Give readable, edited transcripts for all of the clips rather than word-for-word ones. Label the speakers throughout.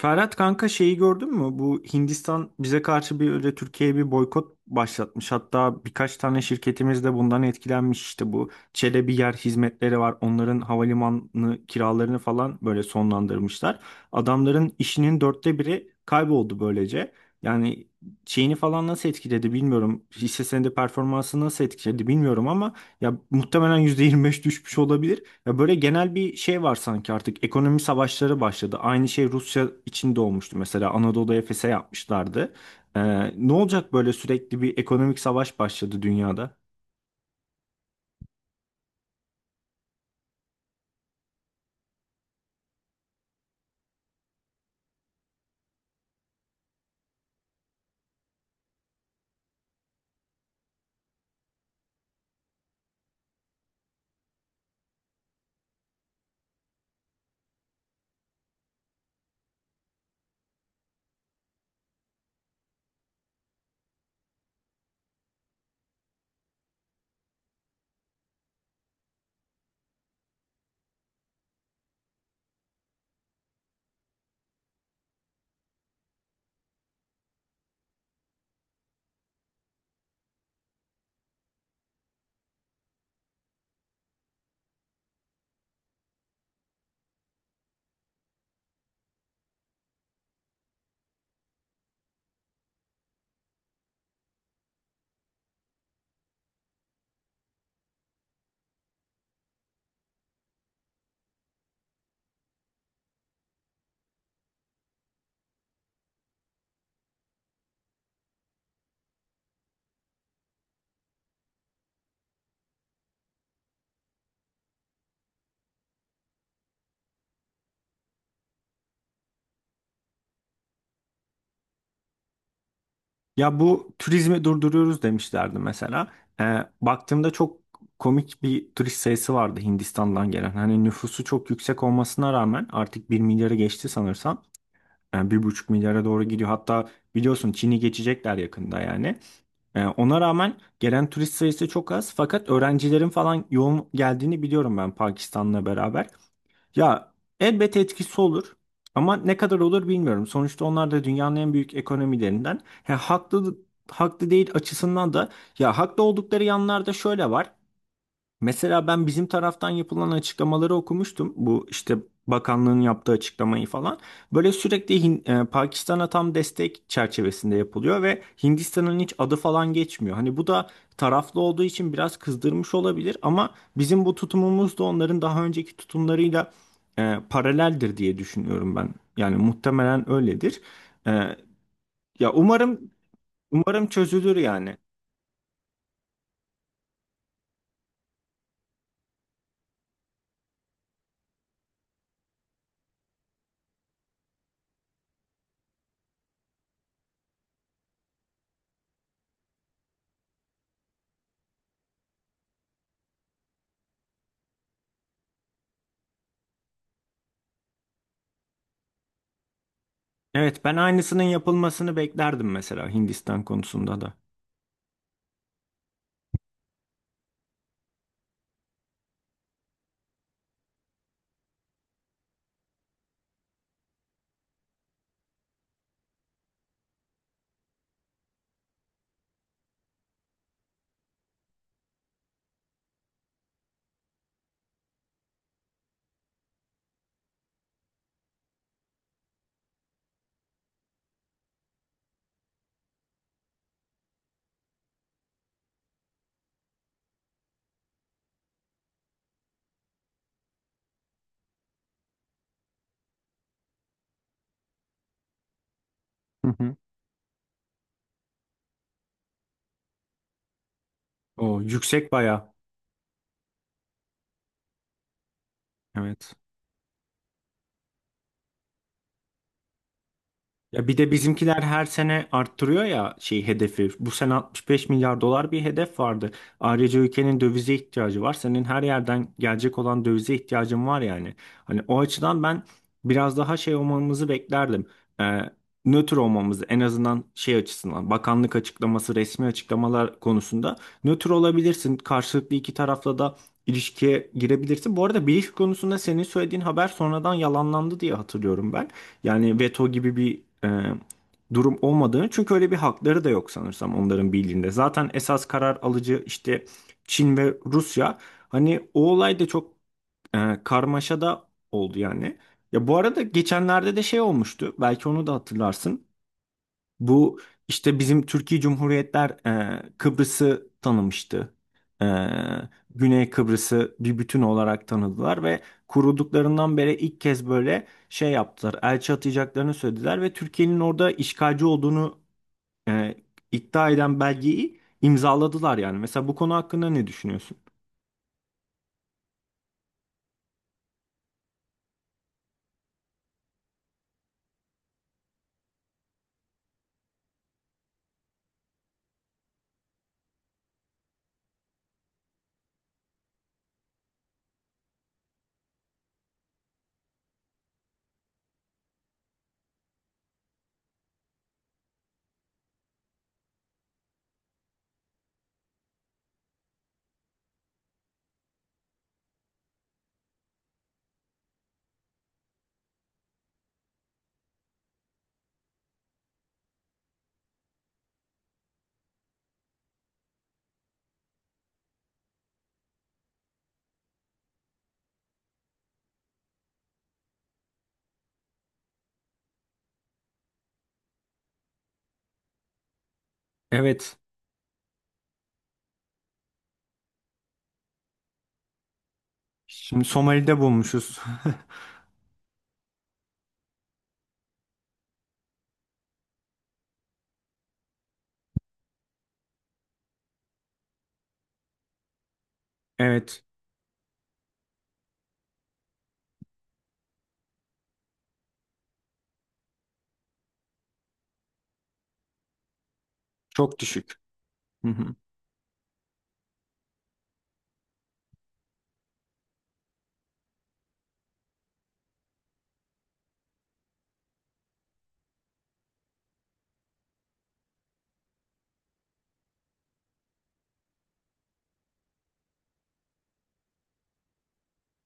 Speaker 1: Ferhat kanka şeyi gördün mü? Bu Hindistan bize karşı bir öyle Türkiye'ye bir boykot başlatmış. Hatta birkaç tane şirketimiz de bundan etkilenmiş. İşte bu çelebi yer hizmetleri var. Onların havalimanı kiralarını falan böyle sonlandırmışlar. Adamların işinin dörtte biri kayboldu böylece. Yani şeyini falan nasıl etkiledi bilmiyorum. Hisse senedi performansı nasıl etkiledi bilmiyorum ama ya muhtemelen %25 düşmüş olabilir. Ya böyle genel bir şey var sanki artık ekonomi savaşları başladı. Aynı şey Rusya içinde olmuştu, mesela Anadolu Efes'e yapmışlardı. Ee, Ne olacak, böyle sürekli bir ekonomik savaş başladı dünyada? Ya bu turizmi durduruyoruz demişlerdi mesela. Baktığımda çok komik bir turist sayısı vardı Hindistan'dan gelen. Hani nüfusu çok yüksek olmasına rağmen artık bir milyarı geçti sanırsam. Yani bir buçuk milyara doğru gidiyor. Hatta biliyorsun Çin'i geçecekler yakında yani. Ona rağmen gelen turist sayısı çok az fakat öğrencilerin falan yoğun geldiğini biliyorum ben Pakistan'la beraber. Ya elbet etkisi olur ama ne kadar olur bilmiyorum. Sonuçta onlar da dünyanın en büyük ekonomilerinden. Ha, haklı değil açısından da ya haklı oldukları yanlarda şöyle var. Mesela ben bizim taraftan yapılan açıklamaları okumuştum. Bu işte bakanlığın yaptığı açıklamayı falan. Böyle sürekli Pakistan'a tam destek çerçevesinde yapılıyor ve Hindistan'ın hiç adı falan geçmiyor. Hani bu da taraflı olduğu için biraz kızdırmış olabilir ama bizim bu tutumumuz da onların daha önceki tutumlarıyla paraleldir diye düşünüyorum ben. Yani muhtemelen öyledir. E, Ya umarım çözülür yani. Evet, ben aynısının yapılmasını beklerdim mesela Hindistan konusunda da. Hı hı. O yüksek bayağı. Evet. Ya bir de bizimkiler her sene arttırıyor ya şey hedefi. Bu sene 65 milyar dolar bir hedef vardı. Ayrıca ülkenin dövize ihtiyacı var. Senin her yerden gelecek olan dövize ihtiyacın var yani. Hani o açıdan ben biraz daha şey olmamızı beklerdim. Ee, Nötr olmamızı, en azından şey açısından, bakanlık açıklaması, resmi açıklamalar konusunda nötr olabilirsin. Karşılıklı iki tarafla da ilişkiye girebilirsin. Bu arada bilgi konusunda senin söylediğin haber sonradan yalanlandı diye hatırlıyorum ben. Yani veto gibi bir durum olmadığını, çünkü öyle bir hakları da yok sanırsam onların bildiğinde. Zaten esas karar alıcı işte Çin ve Rusya. Hani o olay da çok karmaşa da oldu yani. Ya bu arada geçenlerde de şey olmuştu. Belki onu da hatırlarsın. Bu işte bizim Türkiye Cumhuriyetler Kıbrıs'ı tanımıştı. E, Güney Kıbrıs'ı bir bütün olarak tanıdılar ve kurulduklarından beri ilk kez böyle şey yaptılar. Elçi atayacaklarını söylediler ve Türkiye'nin orada işgalci olduğunu e, iddia eden belgeyi imzaladılar yani. Mesela bu konu hakkında ne düşünüyorsun? Evet, şimdi Somali'de bulmuşuz. Evet, çok düşük.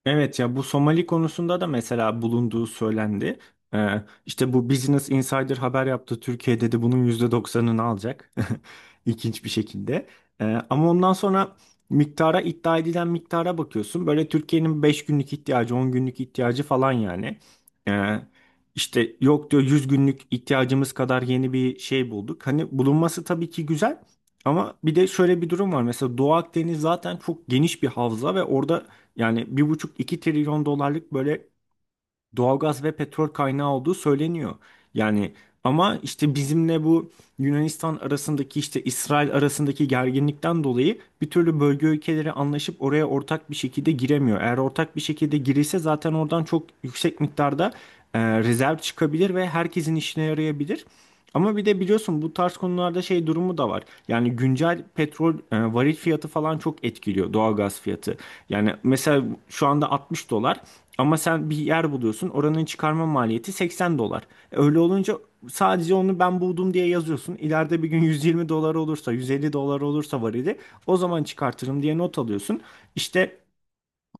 Speaker 1: Evet ya, bu Somali konusunda da mesela bulunduğu söylendi. İşte bu Business Insider haber yaptı. Türkiye dedi bunun yüzde doksanını alacak. İlginç bir şekilde. Ama ondan sonra iddia edilen miktara bakıyorsun. Böyle Türkiye'nin 5 günlük ihtiyacı, 10 günlük ihtiyacı falan yani. Ee, işte yok diyor, 100 günlük ihtiyacımız kadar yeni bir şey bulduk. Hani bulunması tabii ki güzel. Ama bir de şöyle bir durum var. Mesela Doğu Akdeniz zaten çok geniş bir havza ve orada yani bir buçuk iki trilyon dolarlık böyle doğalgaz ve petrol kaynağı olduğu söyleniyor. Yani ama işte bizimle bu Yunanistan arasındaki, işte İsrail arasındaki gerginlikten dolayı bir türlü bölge ülkeleri anlaşıp oraya ortak bir şekilde giremiyor. Eğer ortak bir şekilde girilse zaten oradan çok yüksek miktarda rezerv çıkabilir ve herkesin işine yarayabilir. Ama bir de biliyorsun bu tarz konularda şey durumu da var. Yani güncel petrol varil fiyatı falan çok etkiliyor doğalgaz fiyatı. Yani mesela şu anda 60 dolar ama sen bir yer buluyorsun, oranın çıkarma maliyeti 80 dolar. E, öyle olunca sadece onu ben buldum diye yazıyorsun. İleride bir gün 120 dolar olursa, 150 dolar olursa varili o zaman çıkartırım diye not alıyorsun. İşte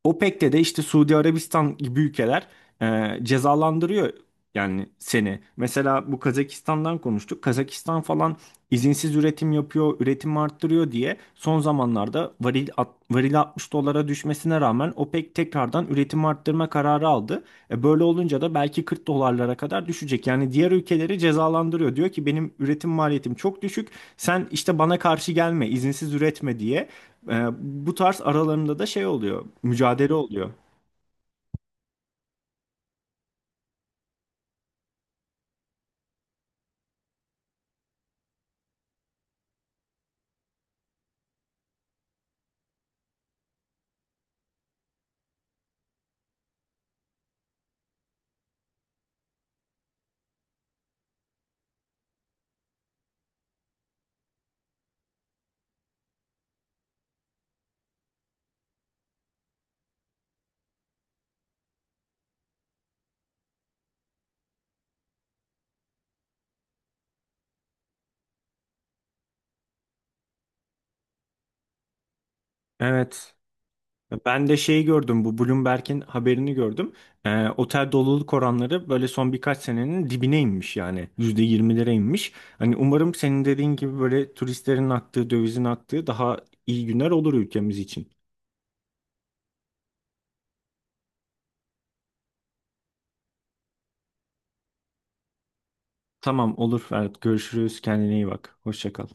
Speaker 1: OPEC'te de işte Suudi Arabistan gibi ülkeler cezalandırıyor yani seni. Mesela bu Kazakistan'dan konuştuk. Kazakistan falan izinsiz üretim yapıyor, üretim arttırıyor diye son zamanlarda varil 60 dolara düşmesine rağmen OPEC tekrardan üretim arttırma kararı aldı. E, böyle olunca da belki 40 dolarlara kadar düşecek. Yani diğer ülkeleri cezalandırıyor. Diyor ki benim üretim maliyetim çok düşük. Sen işte bana karşı gelme, izinsiz üretme diye. Ee, Bu tarz aralarında da şey oluyor, mücadele oluyor. Evet. Ben de şeyi gördüm, bu Bloomberg'in haberini gördüm. Otel doluluk oranları böyle son birkaç senenin dibine inmiş yani. %20'lere inmiş. Hani umarım senin dediğin gibi böyle turistlerin aktığı, dövizin aktığı daha iyi günler olur ülkemiz için. Tamam olur Ferhat, görüşürüz. Kendine iyi bak. Hoşça kal.